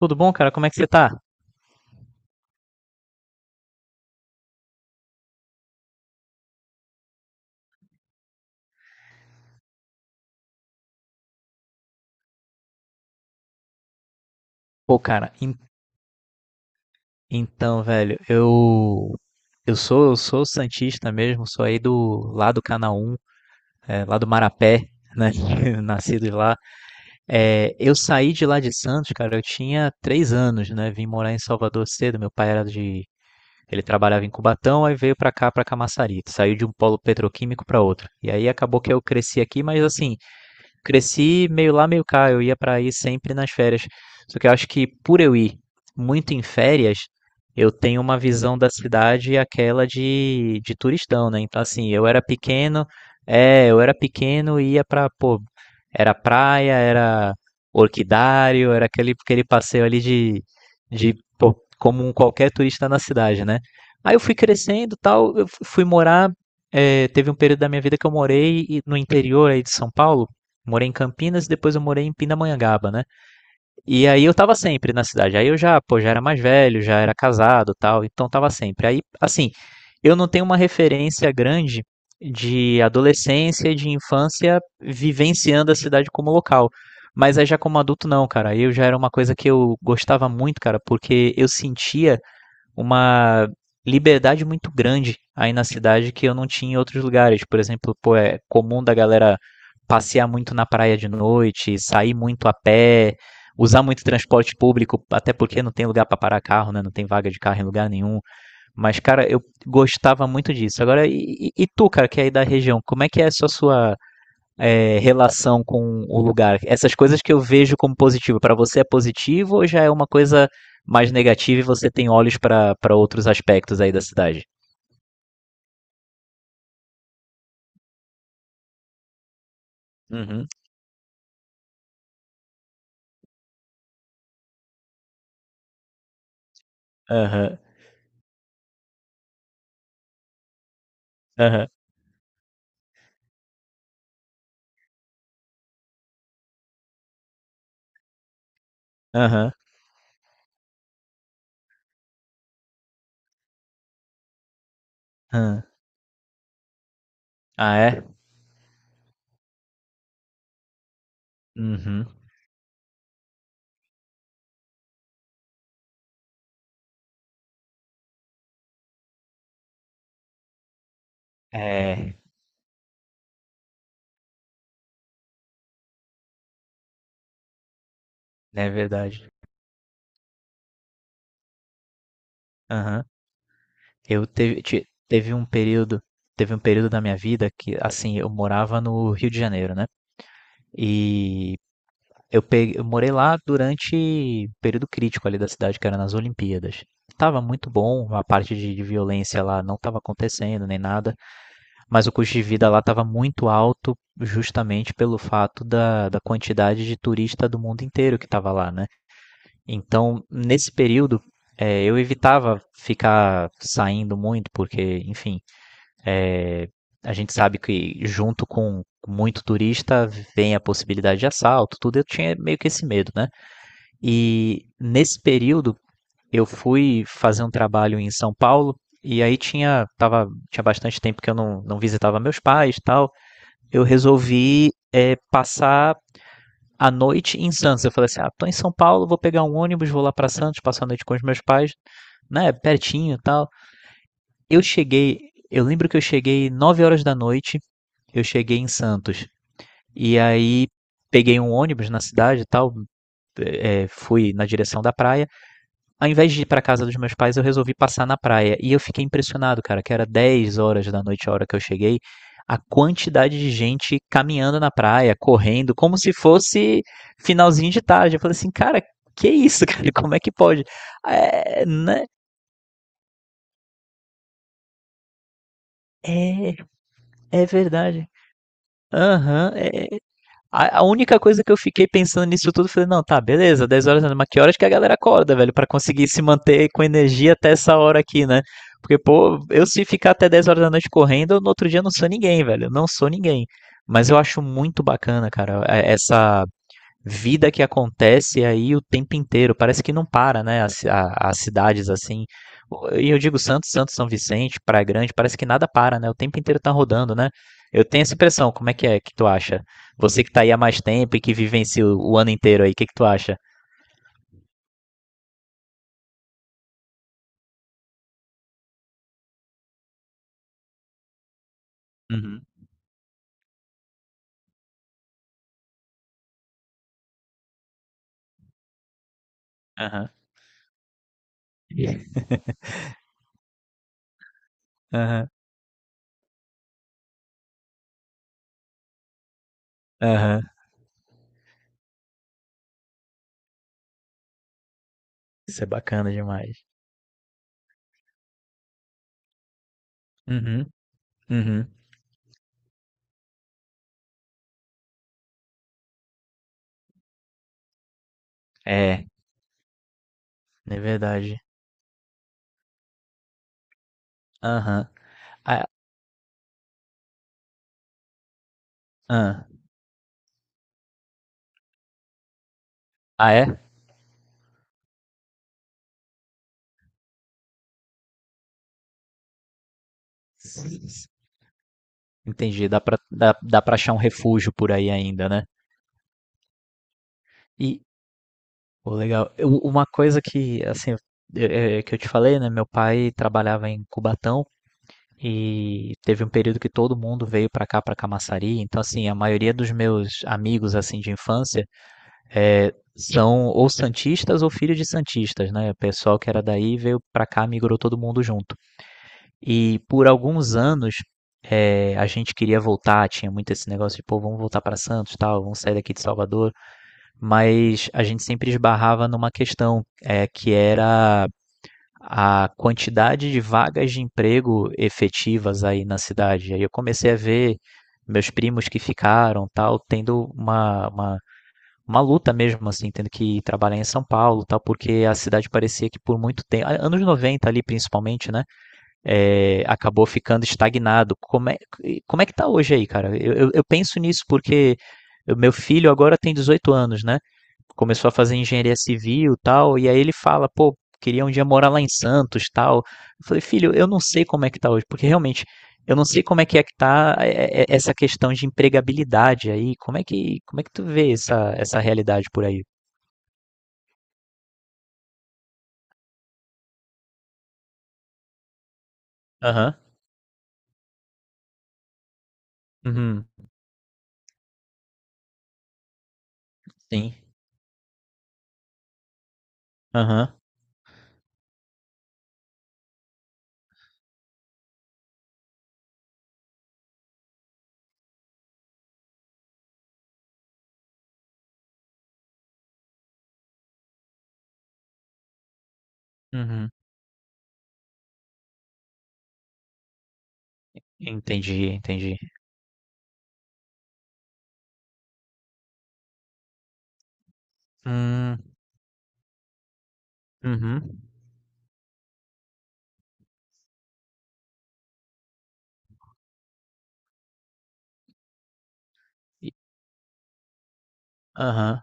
Tudo bom, cara? Como é que você tá? Pô, cara, então, velho, eu sou santista mesmo, sou aí do lá do Canaã, é, lá do Marapé, né? Nascido lá. É, eu saí de lá de Santos, cara, eu tinha 3 anos, né? Vim morar em Salvador cedo. Meu pai era de Ele trabalhava em Cubatão, aí veio pra cá, pra Camaçari. Saiu de um polo petroquímico pra outro. E aí acabou que eu cresci aqui, mas assim, cresci meio lá, meio cá. Eu ia para aí sempre nas férias. Só que eu acho que por eu ir muito em férias, eu tenho uma visão da cidade aquela de turistão, né? Então, assim, eu era pequeno e ia pra, pô, era praia, era orquidário, era aquele passeio ali pô, como um qualquer turista na cidade, né? Aí eu fui crescendo e tal, eu fui morar, teve um período da minha vida que eu morei no interior aí de São Paulo, morei em Campinas e depois eu morei em Pindamonhangaba, né? E aí eu tava sempre na cidade. Aí eu já, pô, já era mais velho, já era casado, tal, então tava sempre. Aí, assim, eu não tenho uma referência grande de adolescência e de infância vivenciando a cidade como local. Mas aí já como adulto não, cara. Eu já era uma coisa que eu gostava muito, cara, porque eu sentia uma liberdade muito grande aí na cidade que eu não tinha em outros lugares. Por exemplo, pô, é comum da galera passear muito na praia de noite, sair muito a pé, usar muito transporte público, até porque não tem lugar para parar carro, né? Não tem vaga de carro em lugar nenhum. Mas, cara, eu gostava muito disso. Agora, e tu, cara, que é aí da região, como é que é a sua relação com o lugar? Essas coisas que eu vejo como positivo, para você é positivo ou já é uma coisa mais negativa e você tem olhos para outros aspectos aí da cidade? Uhum. Aham. Aham. Aham. Aham. Ah, é? Uhum. É, é verdade. Aham. Eu teve, te- teve um período, Teve um período da minha vida que, assim, eu morava no Rio de Janeiro, né? E eu morei lá durante o período crítico ali da cidade, que era nas Olimpíadas. Tava muito bom, a parte de violência lá não estava acontecendo nem nada, mas o custo de vida lá estava muito alto, justamente pelo fato da quantidade de turista do mundo inteiro que estava lá, né? Então, nesse período, eu evitava ficar saindo muito, porque, enfim, é, a gente sabe que junto com muito turista vem a possibilidade de assalto, tudo. Eu tinha meio que esse medo, né? E nesse período eu fui fazer um trabalho em São Paulo e aí tinha bastante tempo que eu não visitava meus pais e tal. Eu resolvi passar a noite em Santos. Eu falei assim: ah, tô em São Paulo, vou pegar um ônibus, vou lá para Santos, passar a noite com os meus pais, né? Pertinho e tal. Eu cheguei, eu lembro que eu cheguei 9 horas da noite, eu cheguei em Santos. E aí peguei um ônibus na cidade e tal, fui na direção da praia. Ao invés de ir pra casa dos meus pais, eu resolvi passar na praia. E eu fiquei impressionado, cara, que era 10 horas da noite, a hora que eu cheguei, a quantidade de gente caminhando na praia, correndo, como se fosse finalzinho de tarde. Eu falei assim, cara, que isso, cara? Como é que pode? É, né? É, é verdade. Aham, A única coisa que eu fiquei pensando nisso tudo, eu falei, não, tá, beleza, 10 horas, mas que horas que a galera acorda, velho, pra conseguir se manter com energia até essa hora aqui, né? Porque, pô, eu se ficar até 10 horas da noite correndo, eu, no outro dia eu não sou ninguém, velho, eu não sou ninguém. Mas eu acho muito bacana, cara, essa vida que acontece aí o tempo inteiro. Parece que não para, né? As cidades assim. E eu digo Santos, São Vicente, Praia Grande, parece que nada para, né? O tempo inteiro tá rodando, né? Eu tenho essa impressão. Como é que é? Que tu acha? Você que tá aí há mais tempo e que vivencia o ano inteiro aí, o que que tu acha? Uhum. Aham. Aham. Aham. Isso é bacana demais. Uhum. Uhum. É, é verdade. Aham. Ah, ah, ah, é? Entendi, dá pra achar um refúgio por aí ainda, né? E, pô, legal. Uma coisa que, assim, é que eu te falei, né? Meu pai trabalhava em Cubatão e teve um período que todo mundo veio pra cá, pra Camaçari. Então, assim, a maioria dos meus amigos, assim, de infância, são ou santistas ou filhos de santistas, né? O pessoal que era daí veio pra cá, migrou todo mundo junto. E por alguns anos a gente queria voltar, tinha muito esse negócio de, pô, vamos voltar para Santos, tal, vamos sair daqui de Salvador, mas a gente sempre esbarrava numa questão que era a quantidade de vagas de emprego efetivas aí na cidade. Aí eu comecei a ver meus primos que ficaram, tal, tendo uma luta mesmo, assim, tendo que trabalhar em São Paulo, tal, porque a cidade parecia que por muito tempo, anos 90 ali principalmente, né? é, acabou ficando estagnado. Como é que tá hoje aí, cara? Eu penso nisso porque o meu filho agora tem 18 anos, né? Começou a fazer engenharia civil e tal, e aí ele fala, pô, queria um dia morar lá em Santos tal. Eu falei, filho, eu não sei como é que tá hoje, porque realmente eu não sei como é que tá essa questão de empregabilidade aí. Como é que tu vê essa realidade por aí? Aham. Uhum. Sim. Aham. Uhum. Entendi, entendi. Hum. Uhum. E- Aham.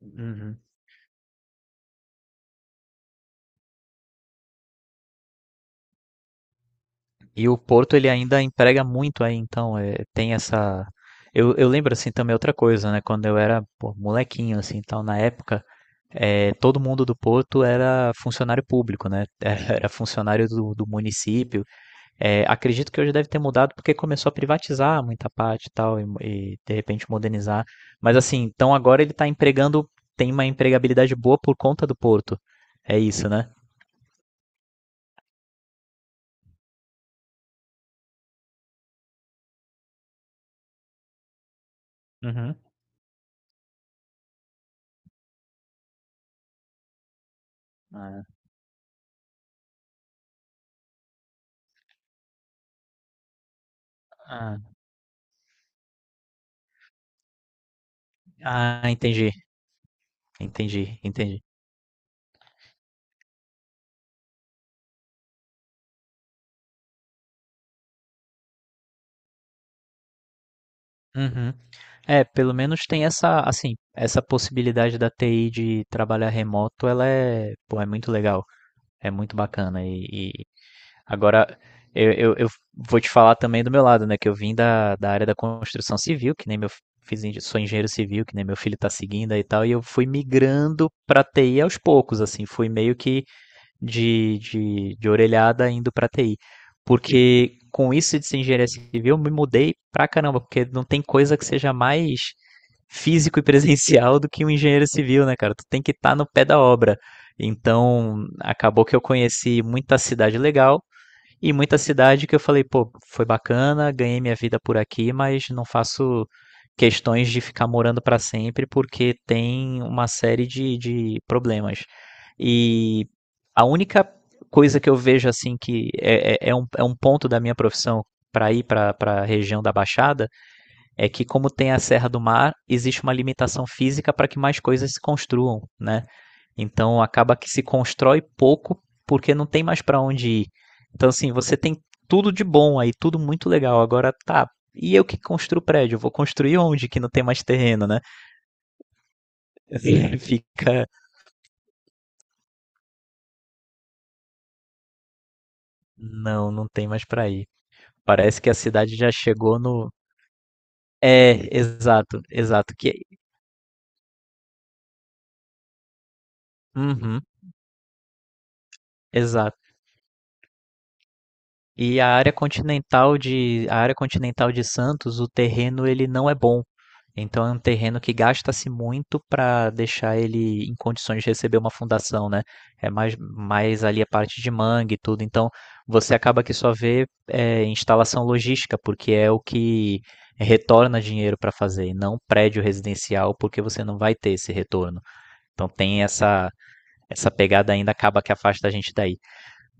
Uhum. E o Porto ele ainda emprega muito aí, então é, tem essa. Eu lembro assim também outra coisa, né? Quando eu era pô, molequinho assim, então na época todo mundo do Porto era funcionário público, né? Era funcionário do município. É, acredito que hoje deve ter mudado porque começou a privatizar muita parte e tal de repente modernizar. Mas assim, então agora ele está empregando, tem uma empregabilidade boa por conta do Porto. É isso, né? Uhum. Ah, ah, entendi, entendi, entendi. Uhum. É, pelo menos tem essa, assim, essa possibilidade da TI de trabalhar remoto, ela é, pô, é muito legal, é muito bacana. E agora eu vou te falar também do meu lado, né, que eu vim da área da construção civil, que nem meu sou engenheiro civil, que nem meu filho tá seguindo aí e tal, e eu fui migrando pra TI aos poucos, assim, fui meio que de orelhada indo para TI. Porque com isso de ser engenharia civil, eu me mudei pra caramba, porque não tem coisa que seja mais físico e presencial do que um engenheiro civil, né, cara? Tu tem que estar no pé da obra. Então, acabou que eu conheci muita cidade legal, e muita cidade que eu falei, pô, foi bacana, ganhei minha vida por aqui, mas não faço questões de ficar morando para sempre porque tem uma série de problemas. E a única coisa que eu vejo assim que é um ponto da minha profissão para ir para a região da Baixada é que como tem a Serra do Mar, existe uma limitação física para que mais coisas se construam, né? Então acaba que se constrói pouco porque não tem mais para onde ir. Então assim, você tem tudo de bom aí, tudo muito legal. Agora tá, e eu que construo prédio, eu vou construir onde que não tem mais terreno, né? Assim, fica, não tem mais para ir. Parece que a cidade já chegou no. É, exato, exato que. Uhum, exato. A área continental de Santos, o terreno ele não é bom. Então é um terreno que gasta-se muito para deixar ele em condições de receber uma fundação, né? É mais, mais ali a parte de mangue e tudo. Então você acaba que só vê instalação logística, porque é o que retorna dinheiro para fazer, e não prédio residencial, porque você não vai ter esse retorno. Então tem essa, pegada ainda, acaba que afasta a gente daí.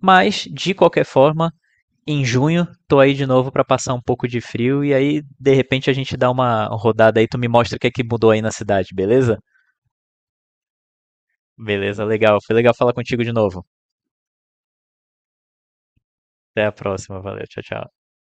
Mas, de qualquer forma, em junho, tô aí de novo pra passar um pouco de frio e aí de repente a gente dá uma rodada aí, tu me mostra o que é que mudou aí na cidade, beleza? Beleza, legal. Foi legal falar contigo de novo. Até a próxima, valeu, tchau, tchau.